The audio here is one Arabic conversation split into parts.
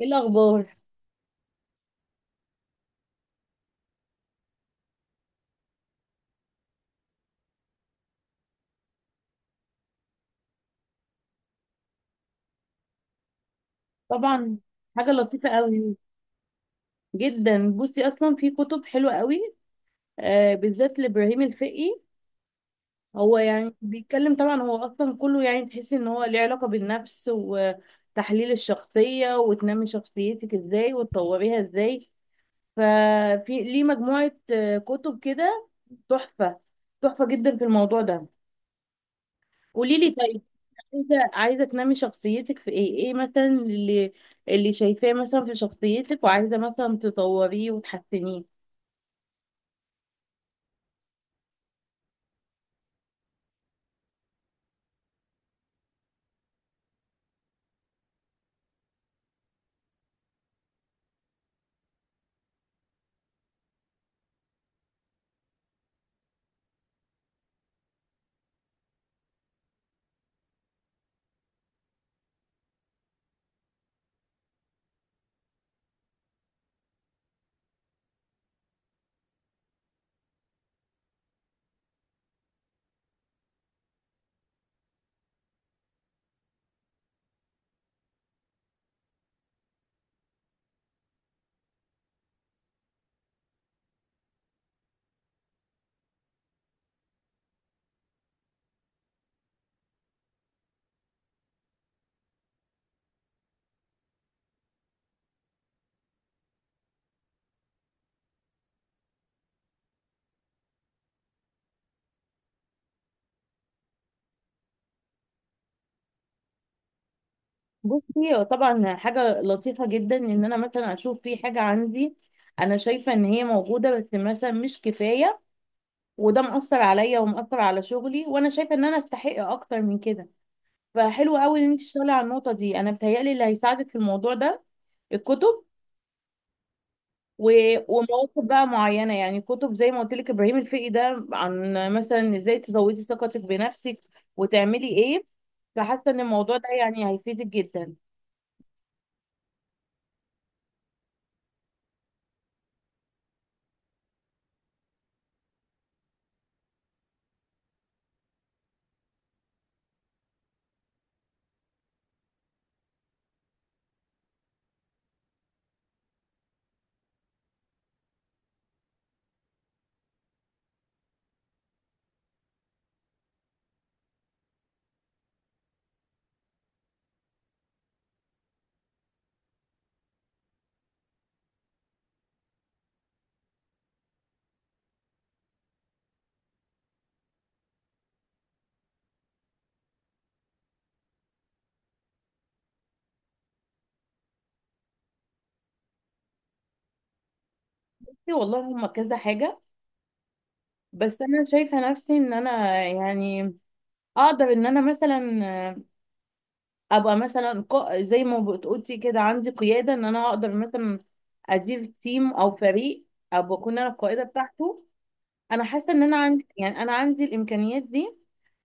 ايه الاخبار؟ طبعا. حاجه لطيفه قوي جدا. بصي، اصلا في كتب حلوه قوي آه، بالذات لابراهيم الفقي. هو بيتكلم طبعا، هو اصلا كله تحسي ان هو ليه علاقه بالنفس وتحليل الشخصيه وتنمي شخصيتك ازاي وتطوريها ازاي. ففي ليه مجموعه كتب كده تحفه، تحفه جدا في الموضوع ده. قولي لي، طيب انت عايزه تنمي شخصيتك في ايه؟ ايه مثلا اللي شايفاه مثلا في شخصيتك وعايزه مثلا تطوريه وتحسنيه؟ بصي، هو طبعا حاجه لطيفه جدا ان انا مثلا اشوف في حاجه عندي، انا شايفه ان هي موجوده بس مثلا مش كفايه وده مأثر عليا ومأثر على شغلي، وانا شايفه ان انا استحق اكتر من كده. فحلو قوي ان انت تشتغلي على النقطه دي. انا بتهيألي اللي هيساعدك في الموضوع ده الكتب و- ومواقف بقى معينه، كتب زي ما قلت لك ابراهيم الفقي، ده عن مثلا ازاي تزودي ثقتك بنفسك وتعملي ايه. فحاسه ان الموضوع ده هيفيدك جدا. بصي والله، هما كذا حاجه بس انا شايفه نفسي ان انا اقدر ان انا مثلا ابقى مثلا زي ما بتقولي كده عندي قياده، ان انا اقدر مثلا ادير تيم او فريق، ابقى اكون انا القائده بتاعته. انا حاسه ان انا عندي، انا عندي الامكانيات دي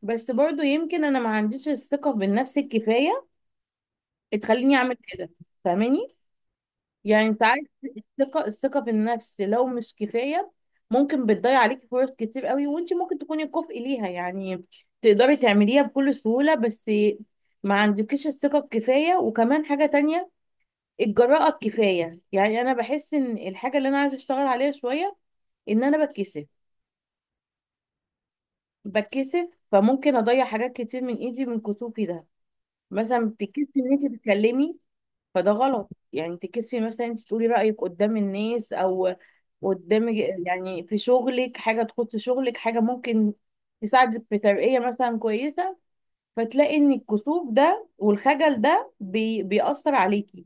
بس برضو يمكن انا ما عنديش الثقه بالنفس الكفايه تخليني اعمل كده. فاهماني يعني، انت عارف الثقه بالنفس لو مش كفايه ممكن بتضيع عليكي فرص كتير قوي وانت ممكن تكوني كفء ليها، تقدري تعمليها بكل سهوله بس ما عندكيش الثقه الكفايه. وكمان حاجه تانية، الجراءه الكفايه. انا بحس ان الحاجه اللي انا عايزه اشتغل عليها شويه ان انا بتكسف. بتكسف فممكن اضيع حاجات كتير من ايدي من كسوفي ده. مثلا بتتكسفي ان انت تتكلمي، فده غلط. تتكسفي مثلا انت تقولي رايك قدام الناس، او قدام في شغلك، حاجه تخص شغلك، حاجه ممكن تساعدك في ترقيه مثلا كويسه، فتلاقي ان الكسوف ده والخجل ده بيأثر عليكي.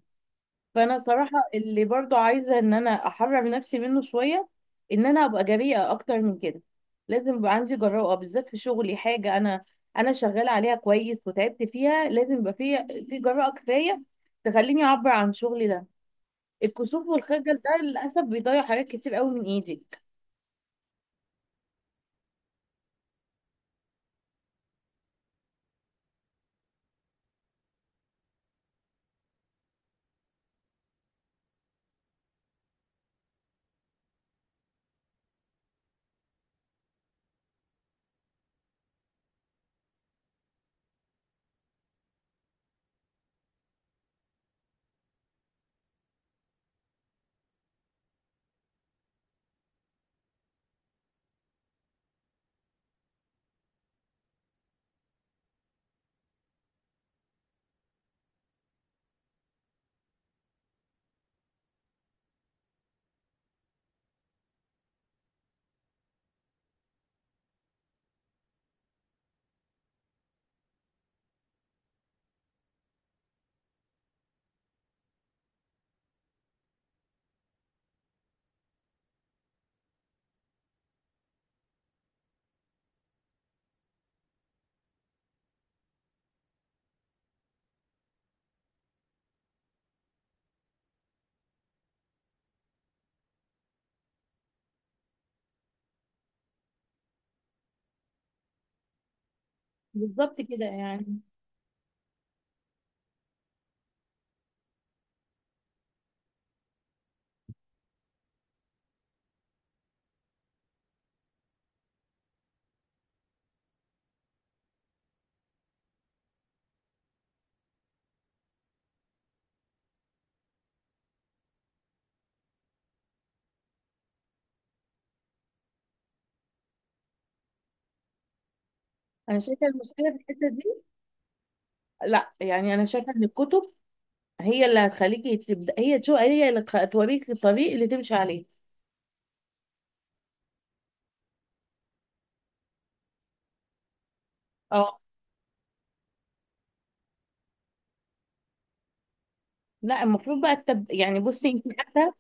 فانا صراحه اللي برضو عايزه ان انا احرر نفسي منه شويه، ان انا ابقى جريئه اكتر من كده. لازم يبقى عندي جراءه بالذات في شغلي. حاجه انا شغاله عليها كويس وتعبت فيها، لازم يبقى في جراءه كفايه تخليني اعبر عن شغلي ده. الكسوف والخجل ده للاسف بيضيع حاجات كتير قوي من ايدك. بالظبط كده. انا شايفه المشكله في الحته دي. لا، انا شايفه ان الكتب هي اللي هتخليكي تبدا، هي اللي توريك الطريق اللي تمشي عليه. اه، لا المفروض بقى بصي انت حتى،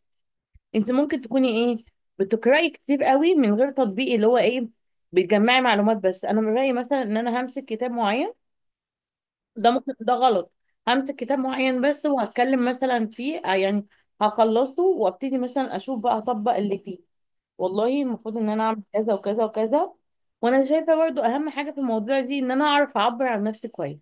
انت ممكن تكوني ايه؟ بتقراي كتير قوي من غير تطبيق، اللي هو ايه، بتجمعي معلومات بس. انا من رايي مثلا ان انا همسك كتاب معين. ده ممكن ده غلط. همسك كتاب معين بس وهتكلم مثلا فيه هخلصه وابتدي مثلا اشوف بقى اطبق اللي فيه. والله المفروض ان انا اعمل كذا وكذا وكذا. وانا شايفه برضو اهم حاجه في الموضوع دي ان انا اعرف اعبر عن نفسي كويس.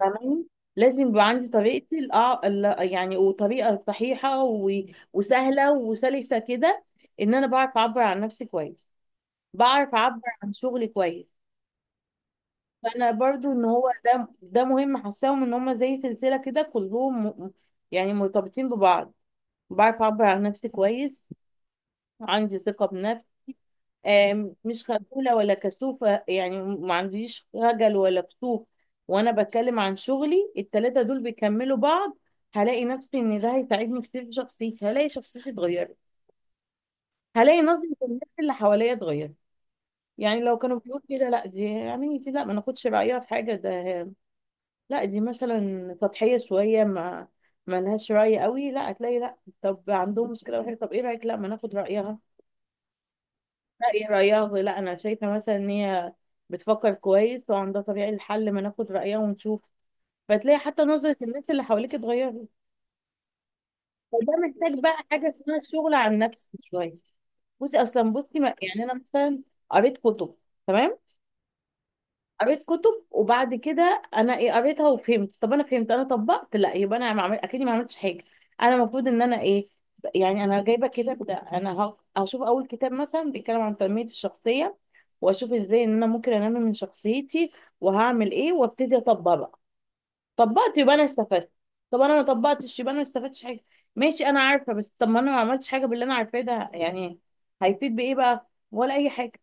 فاهماني، لازم يبقى عندي طريقتي وطريقة صحيحة وسهلة وسلسة كده، ان انا بعرف اعبر عن نفسي كويس، بعرف اعبر عن شغلي كويس. فانا برضو ان هو ده، ده مهم. حاساهم ان هم زي سلسلة كده كلهم مرتبطين ببعض. بعرف اعبر عن نفسي كويس، عندي ثقة بنفسي، مش خجولة ولا كسوفة، ما عنديش خجل ولا كسوف، وانا بتكلم عن شغلي. التلاتة دول بيكملوا بعض. هلاقي نفسي ان ده هيساعدني كتير في شخصيتي، هلاقي شخصيتي اتغيرت، هلاقي نظرة الناس اللي حواليا اتغيرت. لو كانوا بيقولوا كده لا دي، دي لا ما ناخدش رأيها في حاجة ده، لا دي مثلا سطحية شوية، ما لهاش رأي قوي، لا هتلاقي لا، طب عندهم مشكلة وحاجة، طب ايه رأيك؟ لا، ما ناخد رأيها. رأيها لا، أنا شايفة مثلا إن هي بتفكر كويس وعندها طريقة للحل، ما ناخد رأيها ونشوف. فتلاقي حتى نظرة الناس اللي حواليك اتغيرت. فده محتاج بقى حاجة اسمها الشغل على النفس شوية. بصي أصلا، بصي أنا مثلا قريت كتب، تمام، قريت كتب، وبعد كده انا ايه، قريتها وفهمت. طب انا فهمت، انا طبقت؟ لا، يبقى انا ما عمل... اكيد ما عملتش حاجه. انا المفروض ان انا ايه؟ انا جايبه كده انا هشوف اول كتاب مثلا بيتكلم عن تنميه الشخصيه، واشوف ازاي ان انا ممكن انمي من شخصيتي وهعمل ايه، وابتدي اطبق بقى. طبقت يبقى انا استفدت. طب انا ما طبقتش يبقى انا ما استفدتش حاجه. ماشي انا عارفه بس طب ما انا ما عملتش حاجه باللي انا عارفاه ده، هيفيد بايه بقى، ولا اي حاجه؟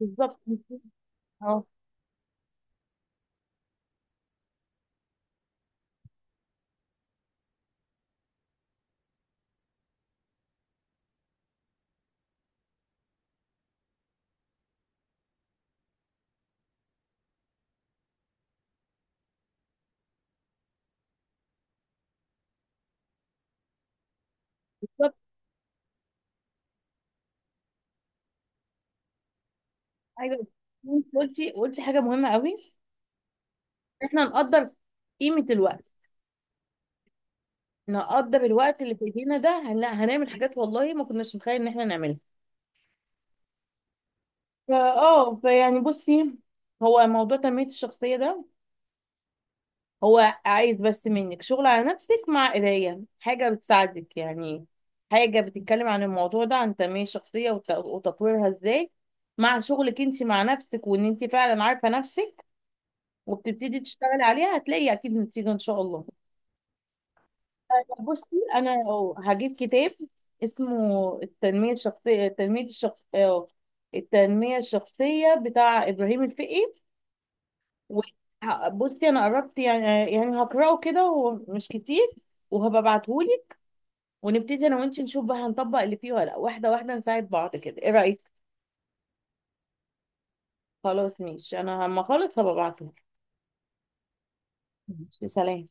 بالظبط. اه، ايوه. انت قلتي حاجه مهمه قوي. احنا نقدر قيمه الوقت، نقدر الوقت اللي في ايدينا ده هنعمل حاجات والله ما كناش نتخيل ان احنا نعملها. فا اه فيعني بصي، هو موضوع تنميه الشخصيه ده، هو عايز بس منك شغل على نفسك مع قرايه حاجه بتساعدك، حاجه بتتكلم عن الموضوع ده، عن تنميه الشخصيه وتطويرها ازاي، مع شغلك انت مع نفسك، وان انت فعلا عارفه نفسك وبتبتدي تشتغلي عليها، هتلاقي اكيد نتيجه ان شاء الله. بصي انا هجيب كتاب اسمه التنميه الشخصيه، التنميه الشخصيه بتاع ابراهيم الفقي، و- بصي انا قربت، يعني هقراه كده ومش كتير، وهبقى ابعتهولك، ونبتدي انا وانتي نشوف بقى هنطبق اللي فيه ولا لا، واحده واحده نساعد بعض كده. ايه رايك؟ خلاص ماشي، انا لما اخلص هبقى ابعتهولك. ماشي، سلام.